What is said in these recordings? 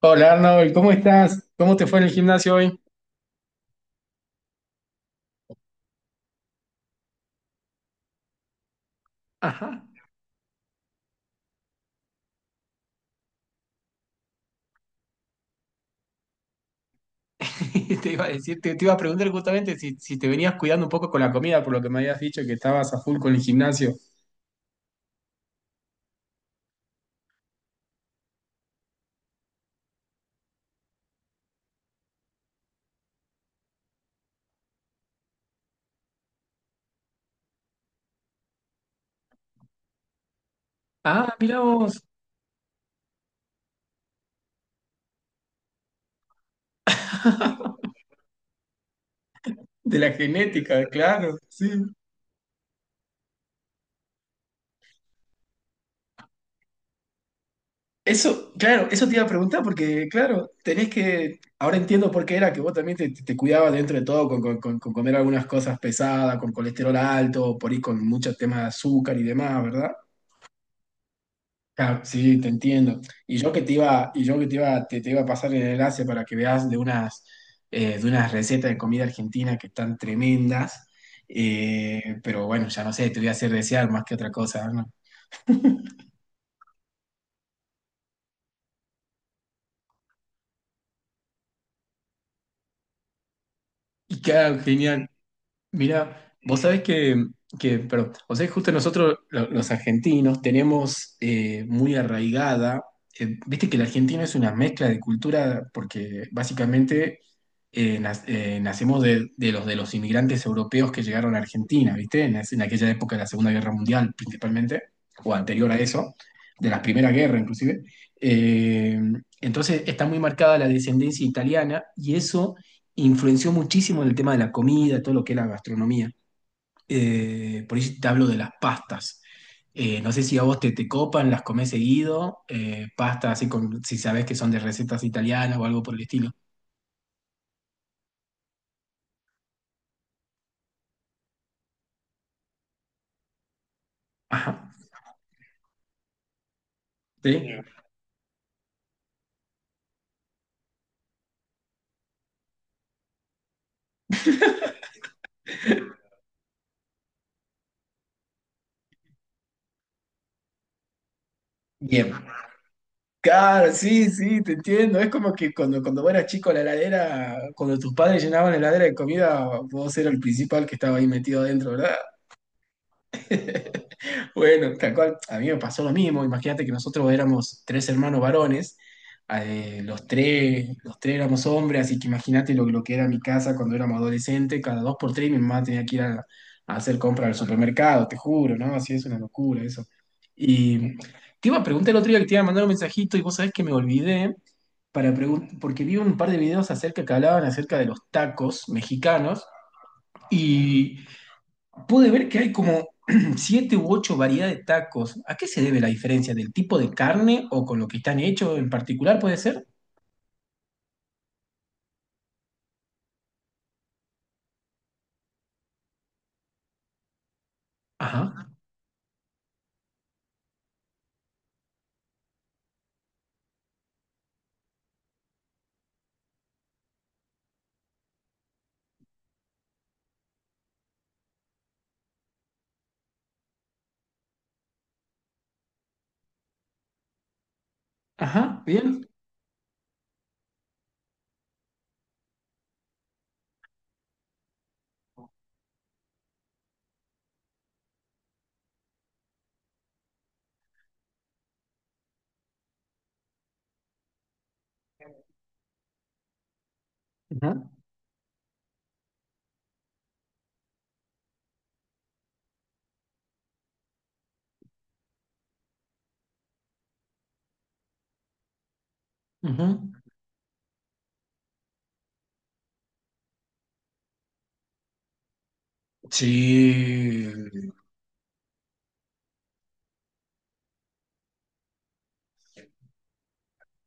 Hola Arnold, ¿cómo estás? ¿Cómo te fue en el gimnasio hoy? Ajá. Te iba a decir, te iba a preguntar justamente si te venías cuidando un poco con la comida, por lo que me habías dicho que estabas a full con el gimnasio. Ah, mirá vos. De la genética, claro, sí. Eso, claro, eso te iba a preguntar porque, claro, tenés que, ahora entiendo por qué era que vos también te cuidabas dentro de todo con comer algunas cosas pesadas, con colesterol alto, por ahí con muchos temas de azúcar y demás, ¿verdad? Claro, sí, te entiendo. Y yo que te iba, te iba a pasar el enlace para que veas de unas recetas de comida argentina que están tremendas. Pero bueno, ya no sé, te voy a hacer desear más que otra cosa, ¿no? Y claro, genial. Mira, vos sabés que perdón, o sea, justo nosotros los argentinos tenemos muy arraigada, viste que el argentino es una mezcla de cultura porque básicamente nacemos de los inmigrantes europeos que llegaron a Argentina, viste, en aquella época de la Segunda Guerra Mundial principalmente, o anterior a eso, de la Primera Guerra inclusive. Eh, entonces está muy marcada la descendencia italiana y eso influenció muchísimo en el tema de la comida, todo lo que es la gastronomía. Por ahí te hablo de las pastas. No sé si a vos te copan, las comés seguido, pastas así con, si sabés que son de recetas italianas o algo por el estilo. Ajá. ¿Sí? Ya. Bien. Claro, sí, sí, te entiendo. Es como que cuando vos eras chico, la heladera, cuando tus padres llenaban la heladera de comida, vos eras el principal que estaba ahí metido adentro, ¿verdad? Bueno, tal cual, a mí me pasó lo mismo. Imagínate que nosotros éramos tres hermanos varones, los tres éramos hombres, así que imagínate lo que era mi casa cuando éramos adolescentes, cada dos por tres mi mamá tenía que ir a hacer compras al supermercado, te juro, ¿no? Así es una locura eso. Y te iba a preguntar el otro día que te iba a mandar un mensajito y vos sabés que me olvidé porque vi un par de videos acerca que hablaban acerca de los tacos mexicanos. Y pude ver que hay como siete u ocho variedades de tacos. ¿A qué se debe la diferencia? ¿Del tipo de carne o con lo que están hechos en particular puede ser? Ajá, ajá, bien. Ajá, ajá. Sí,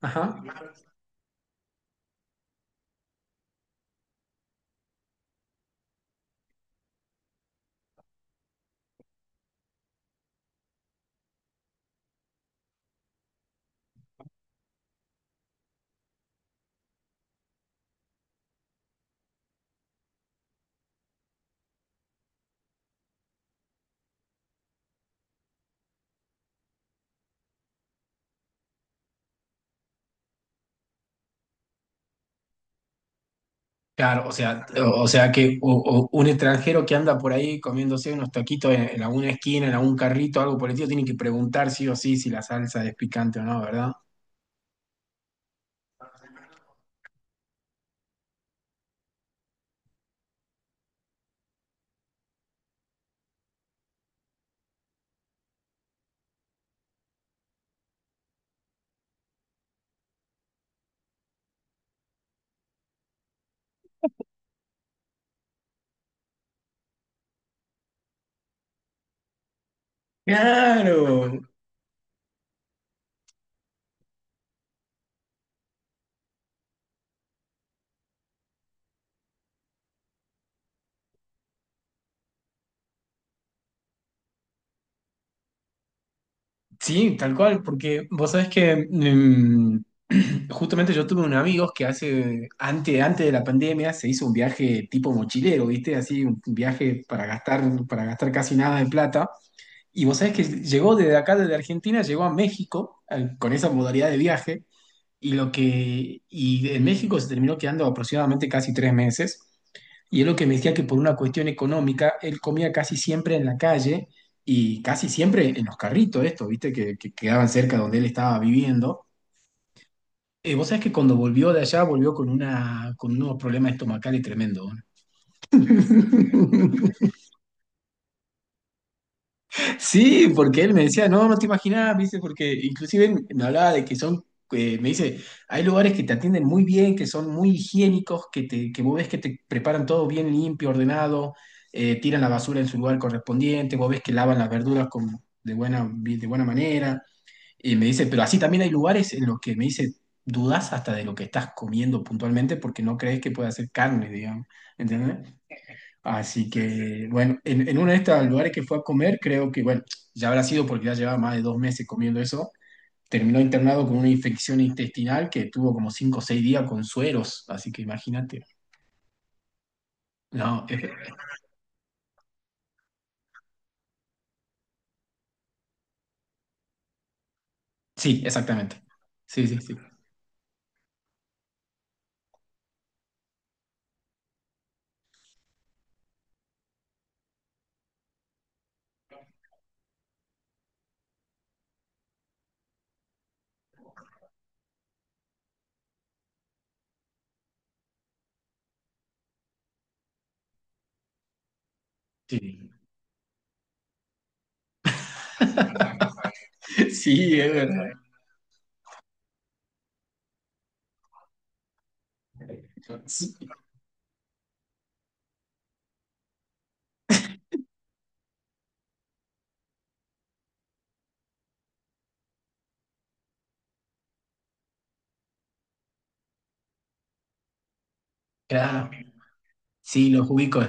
ajá. Claro, o sea, o sea que o un extranjero que anda por ahí comiéndose unos taquitos en alguna esquina, en algún carrito, algo por el estilo, tiene que preguntar sí o sí si la salsa es picante o no, ¿verdad? Claro, sí, tal cual, porque vos sabés que justamente yo tuve un amigo que hace, antes de la pandemia, se hizo un viaje tipo mochilero, ¿viste? Así, un viaje para gastar casi nada de plata. Y vos sabés que llegó desde acá, desde Argentina, llegó a México con esa modalidad de viaje, y en México se terminó quedando aproximadamente casi tres meses. Y es lo que me decía que por una cuestión económica, él comía casi siempre en la calle y casi siempre en los carritos, esto, viste, que quedaban cerca donde él estaba viviendo. Vos sabés que cuando volvió de allá, volvió con unos problemas estomacales tremendos. Sí, porque él me decía, no, no te imaginas, me dice, porque inclusive me hablaba de que son, me dice, hay lugares que te atienden muy bien, que son muy higiénicos, que vos ves que te preparan todo bien limpio, ordenado, tiran la basura en su lugar correspondiente, vos ves que lavan las verduras de buena manera, y me dice, pero así también hay lugares en los que me dice, dudás hasta de lo que estás comiendo puntualmente porque no crees que pueda ser carne, digamos, ¿entendés? Así que, bueno, en uno de estos lugares que fue a comer, creo que, bueno, ya habrá sido porque ya llevaba más de dos meses comiendo eso. Terminó internado con una infección intestinal que tuvo como cinco o seis días con sueros, así que imagínate. No, sí, exactamente. Sí, sí, sí. Sí, sí, es verdad. Sí, claro. Sí, los ubico.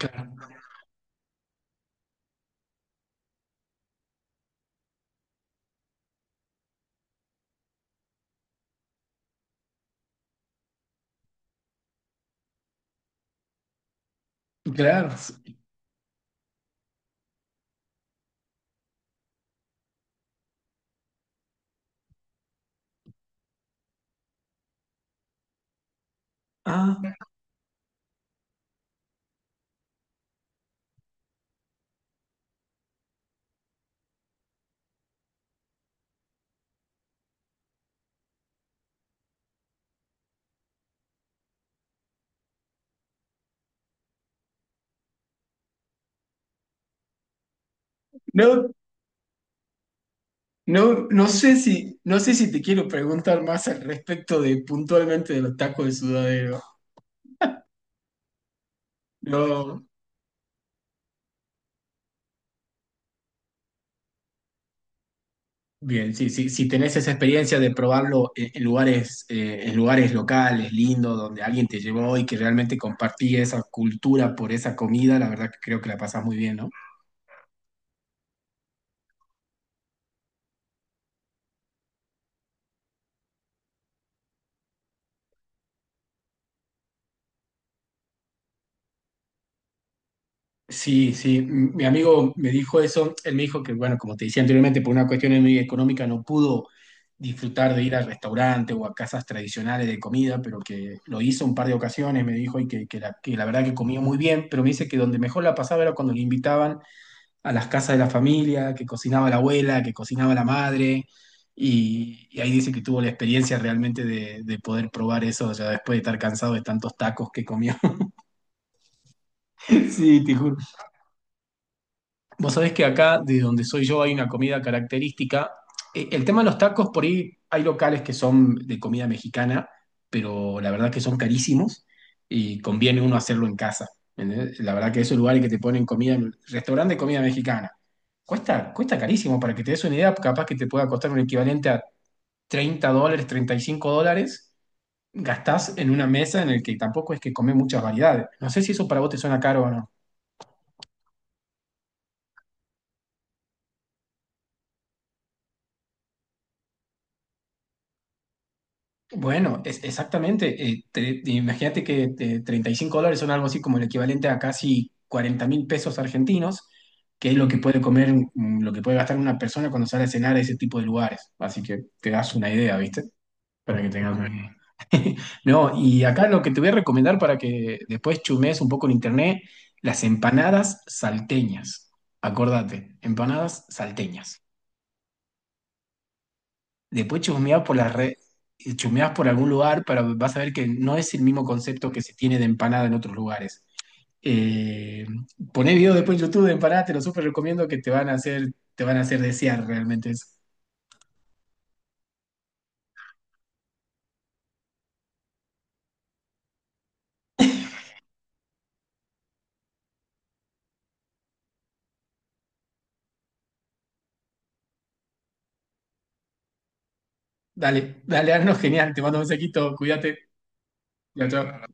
Claro, claro. Ah, no, no no sé si te quiero preguntar más al respecto de puntualmente de los tacos de sudadero. Yo, bien, sí, sí, si tenés esa experiencia de probarlo en lugares locales, lindos, donde alguien te llevó y que realmente compartí esa cultura por esa comida, la verdad que creo que la pasás muy bien, ¿no? Sí, sí, mi amigo me dijo eso, él me dijo que, bueno, como te decía anteriormente, por una cuestión muy económica no pudo disfrutar de ir al restaurante o a casas tradicionales de comida, pero que lo hizo un par de ocasiones, me dijo, y que, que la verdad que comía muy bien, pero me dice que donde mejor la pasaba era cuando le invitaban a las casas de la familia, que cocinaba la abuela, que cocinaba la madre, y ahí dice que tuvo la experiencia realmente de poder probar eso ya después de estar cansado de tantos tacos que comió. Sí, te juro. Vos sabés que acá, de donde soy yo, hay una comida característica. El tema de los tacos, por ahí hay locales que son de comida mexicana, pero la verdad que son carísimos y conviene uno hacerlo en casa. ¿Entendés? La verdad que esos lugares que te ponen comida, restaurante de comida mexicana, cuesta, cuesta carísimo. Para que te des una idea, capaz que te pueda costar un equivalente a $30, 35 dólares. Gastás en una mesa en el que tampoco es que comés muchas variedades. No sé si eso para vos te suena caro o no. Bueno, es, exactamente. Imagínate que $35 son algo así como el equivalente a casi 40.000 pesos argentinos, que es lo que puede comer, lo que puede gastar una persona cuando sale a cenar a ese tipo de lugares. Así que te das una idea, ¿viste? Para que tengas una idea. No, y acá lo que te voy a recomendar para que después chumees un poco en internet, las empanadas salteñas. Acordate, empanadas salteñas. Después chusmeás por las redes, chusmeás por algún lugar para vas a ver que no es el mismo concepto que se tiene de empanada en otros lugares. Eh, poné videos después en YouTube de empanadas, te lo súper recomiendo que te van a hacer, te van a hacer desear realmente eso. Dale, dale, Arno, genial, te mando un mensajito, cuídate. Chao, chao.